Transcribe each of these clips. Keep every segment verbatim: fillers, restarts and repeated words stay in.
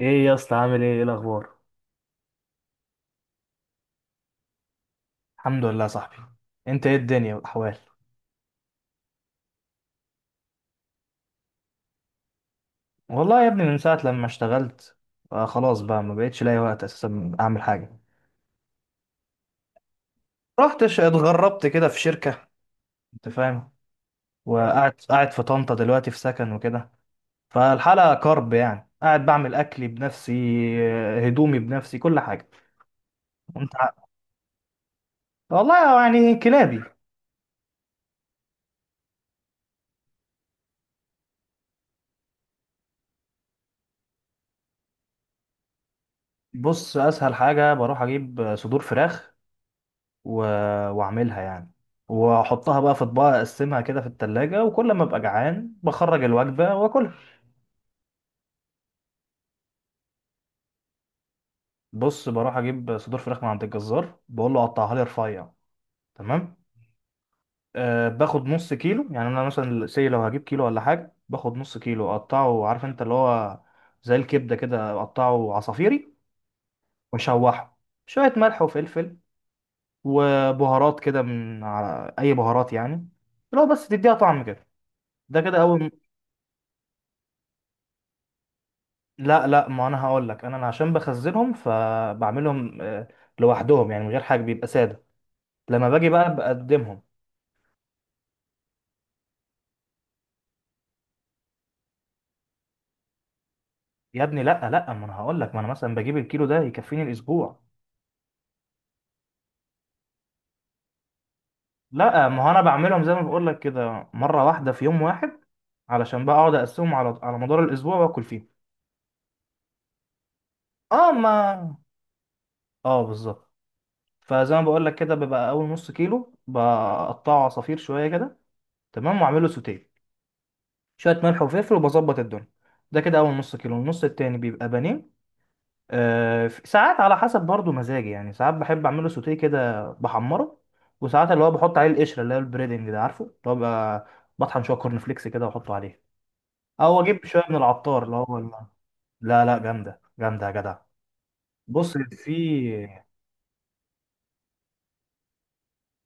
ايه يا اسطى، عامل ايه؟ ايه الاخبار؟ الحمد لله يا صاحبي. انت ايه الدنيا والاحوال؟ والله يا ابني من ساعه لما اشتغلت، آه خلاص بقى ما بقتش لاقي وقت اساسا اعمل حاجه. رحت ش- اتغربت كده في شركه، انت فاهم. وقاعد قاعد في طنطا دلوقتي في سكن وكده. فالحاله كرب يعني، قاعد بعمل اكلي بنفسي، آه، هدومي بنفسي، كل حاجه. انت ع- والله يعني كلابي. بص، اسهل حاجه بروح اجيب صدور فراخ و... واعملها يعني، واحطها بقى في اطباق، اقسمها كده في التلاجة، وكل ما ابقى جعان بخرج الوجبة واكلها. بص، بروح اجيب صدور فراخ من عند الجزار، بقول له قطعها لي رفيع، تمام. أه باخد نص كيلو، يعني انا مثلا سي لو هجيب كيلو ولا حاجة، باخد نص كيلو اقطعه، عارف انت اللي هو زي الكبدة كده، اقطعه عصافيري. واشوحه شوية ملح وفلفل وبهارات كده، من على اي بهارات يعني، اللي هو بس تديها طعم كده. ده كده اول. لا لا، ما انا هقول لك، انا أنا عشان بخزنهم فبعملهم آه، لوحدهم، يعني من غير حاجه، بيبقى ساده. لما باجي بقى بقدمهم. يا ابني لا لا، ما انا هقول لك، ما انا مثلا بجيب الكيلو ده يكفيني الاسبوع. لا، ما هو انا بعملهم زي ما بقول لك كده، مره واحده في يوم واحد، علشان بقى اقعد اقسمهم على على مدار الاسبوع واكل فيهم. اه، ما، اه، بالظبط. فزي ما بقول لك كده، بيبقى اول نص كيلو بقطعه عصافير شويه كده، تمام، واعمله سوتيه، شويه ملح وفلفل، وبظبط الدنيا. ده كده اول نص كيلو. النص التاني بيبقى بانيه، آه، ساعات على حسب برضو مزاجي، يعني ساعات بحب اعمله سوتيه كده بحمره، وساعات اللي هو بحط عليه القشره، اللي هو البريدنج ده، عارفه اللي هو بقى، بطحن شويه كورن فليكس كده واحطه عليه، او اجيب شويه من العطار اللي هو ال- لا لا، جامده جامده يا جدع. بص، في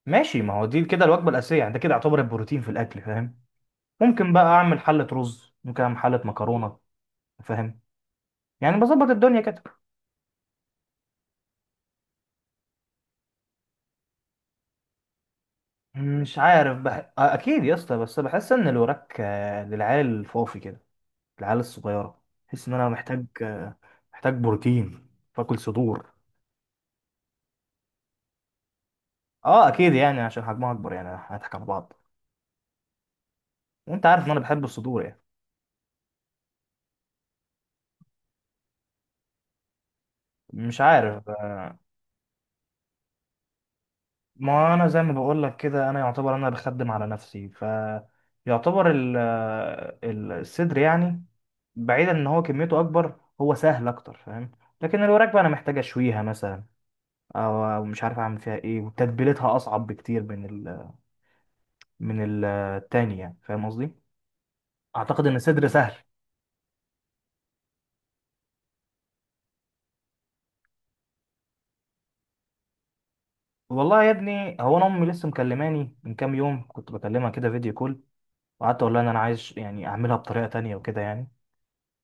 ماشي، ما هو دي كده الوجبه الاساسيه يعني، ده كده يعتبر البروتين في الاكل، فاهم. ممكن بقى اعمل حله رز، ممكن اعمل حله مكرونه، فاهم، يعني بظبط الدنيا كده. مش عارف بح... آه، اكيد يا اسطى، بس بحس ان الوراك آه، للعيال الفوفي كده، العيال الصغيره. بحس ان انا محتاج، آه، محتاج بروتين، فاكل صدور. اه اكيد يعني، عشان حجمها اكبر يعني، هنضحك على بعض. وانت عارف ان انا بحب الصدور يعني. مش عارف، آه، ما انا زي ما بقول لك كده، انا يعتبر انا بخدم على نفسي، ف يعتبر ال- آه، الصدر يعني، بعيدا ان هو كميته اكبر، هو سهل اكتر فاهم. لكن الوراك بقى انا محتاج اشويها مثلا، او أو مش عارف اعمل فيها ايه، وتتبيلتها اصعب بكتير من ال من التاني، يعني فاهم قصدي. اعتقد ان الصدر سهل. والله يا ابني، هو انا امي لسه مكلماني من كام يوم، كنت بكلمها كده فيديو كول، وقعدت اقول لها ان انا عايز يعني اعملها بطريقه تانية وكده يعني.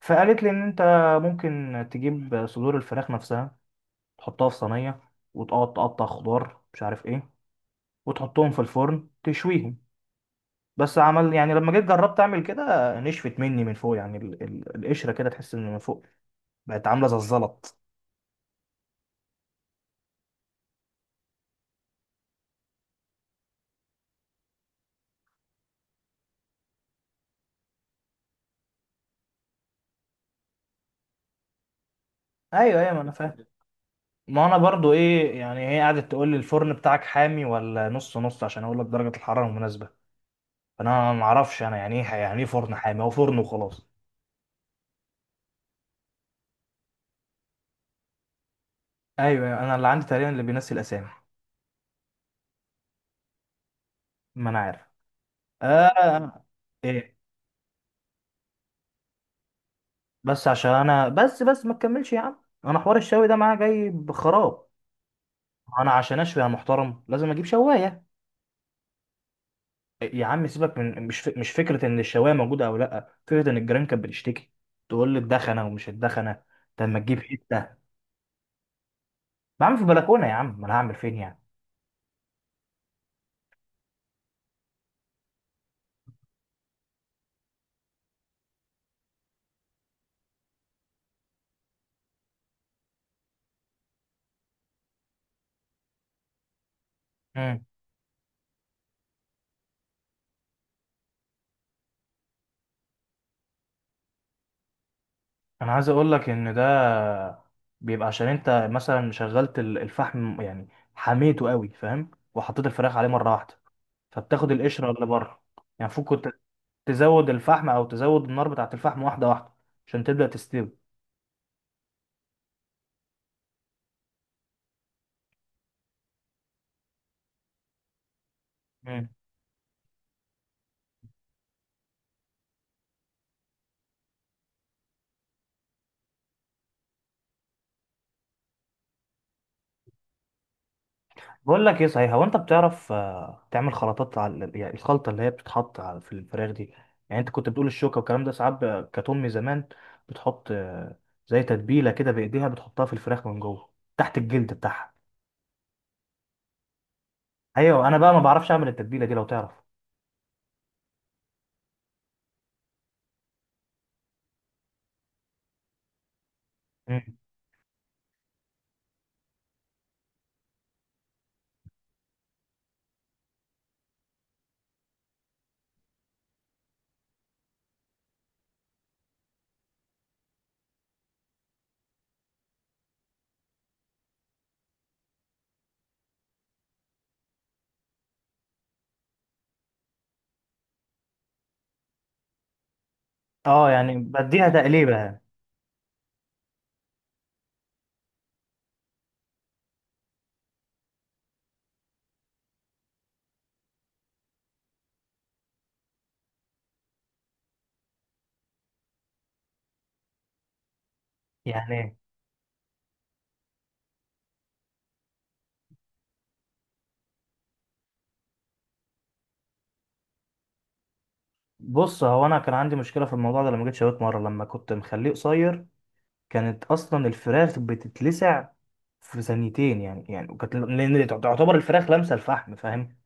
فقالت لي ان انت ممكن تجيب صدور الفراخ نفسها، تحطها في صينيه، وتقعد تقطع خضار مش عارف ايه، وتحطهم في الفرن تشويهم. بس عمل يعني، لما جيت جربت اعمل كده نشفت مني من فوق يعني، ال- ال- القشره كده تحس ان من فوق بقت عامله زي الزلط. ايوه ايوه، ما انا فاهم. ما انا برضو ايه يعني، هي قعدت تقول لي الفرن بتاعك حامي ولا نص نص، عشان اقول لك درجة الحرارة المناسبة. فانا ما اعرفش انا يعني ايه، يعني ايه فرن حامي، هو فرن وخلاص. ايوه أيوة، انا اللي عندي تقريبا اللي بينسي الاسامي. ما انا عارف. آه. ايه؟ بس عشان انا بس بس ما تكملش يا عم، انا حوار الشوي ده معايا جاي بخراب. انا عشان اشوي يا محترم لازم اجيب شوايه. يا عم سيبك من مش ف... مش فكره ان الشوايه موجوده او لا، فكره ان الجيران كانت بتشتكي، تقول لي الدخنه ومش الدخنه. طب ما تجيب حته؟ بعمل في البلكونه يا عم، ما انا هعمل فين يعني؟ امم. انا عايز اقول لك ان ده بيبقى عشان انت مثلا شغلت ال- الفحم يعني، حميته قوي فاهم، وحطيت الفراخ عليه مره واحده، فبتاخد القشره اللي بره، يعني المفروض كنت تزود الفحم او تزود النار بتاعه الفحم واحده واحده عشان تبدا تستوي. بقول لك ايه، صحيح، هو انت بتعرف آه، تعمل خلطات على، يعني الخلطه اللي هي بتتحط على في الفراخ دي. يعني انت كنت بتقول الشوكه والكلام ده. ساعات ب- كانت امي زمان بتحط آه، زي تتبيله كده بايديها، بتحطها في الفراخ من جوه تحت الجلد بتاعها. ايوه، انا بقى ما بعرفش اعمل التتبيله دي، لو تعرف. مم. اه يعني بديها تقليبه يعني، يعني بص، هو انا كان عندي مشكله في الموضوع ده، لما جيت شويت مره لما كنت مخليه قصير، كانت اصلا الفراخ بتتلسع في ثانيتين يعني، يعني وكانت لان تعتبر الفراخ لامسه الفحم فاهم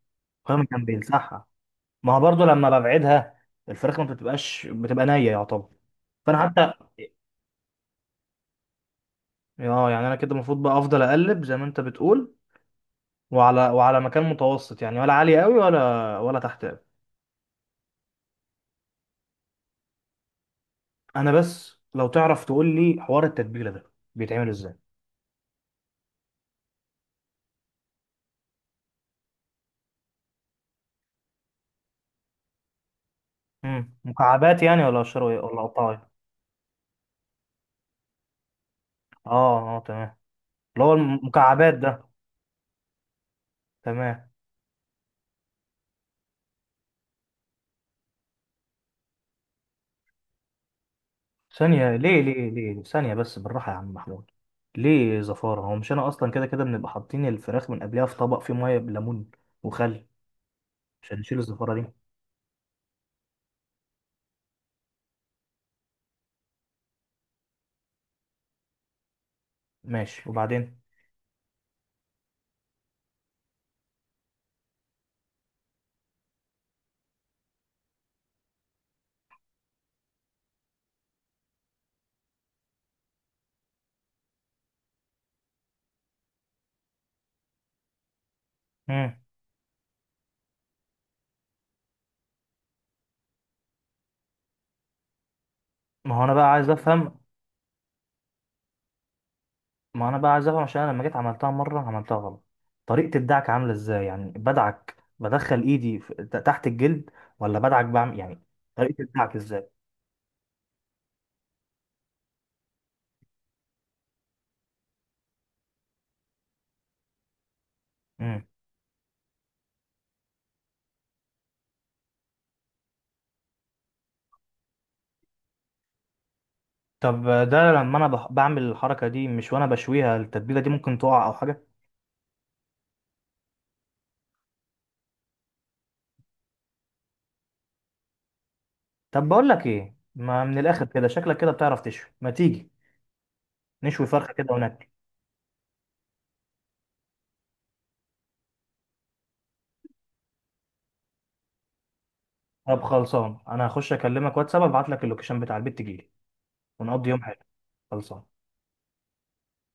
فاهم كان بيلسعها. ما هو برضه لما ببعدها، الفراخ ما بتبقاش، بتبقى نيه يعتبر. فانا حتى، اه يعني انا كده المفروض بقى افضل اقلب زي ما انت بتقول، وعلى وعلى مكان متوسط يعني، ولا عالي قوي ولا ولا تحت قوي. انا بس لو تعرف تقول لي حوار التتبيله ده بيتعمل ازاي. امم، مكعبات يعني؟ ولا اشتري ولا قطايه؟ اه اه تمام، اللي هو المكعبات ده. تمام. ثانية، ليه ليه ليه؟ ثانية بس، بالراحة يا عم محمود. ليه زفارة؟ هو مش أنا أصلا كده كده بنبقى حاطين الفراخ من قبلها في طبق فيه مية بليمون وخل عشان نشيل الزفارة دي. ماشي، وبعدين؟ مم. ما هو أنا بقى عايز أفهم. ما أنا بقى عايز أفهم عشان أنا لما جيت عملتها مرة عملتها غلط. طريقة الدعك عاملة إزاي يعني؟ بدعك، بدخل إيدي في- ت- تحت الجلد، ولا بدعك بعمل يعني؟ طريقة الدعك إزاي؟ مم. طب ده لما أنا بح- بعمل الحركة دي مش وأنا بشويها، التتبيلة دي ممكن تقع أو حاجة؟ طب بقول لك ايه، ما من الاخر كده، شكلك كده بتعرف تشوي، ما تيجي نشوي فرخه كده وناكل. طب خلصان، انا هخش اكلمك واتساب ابعت لك اللوكيشن بتاع البيت، تجيلي ونقضي يوم حلو. خلصان.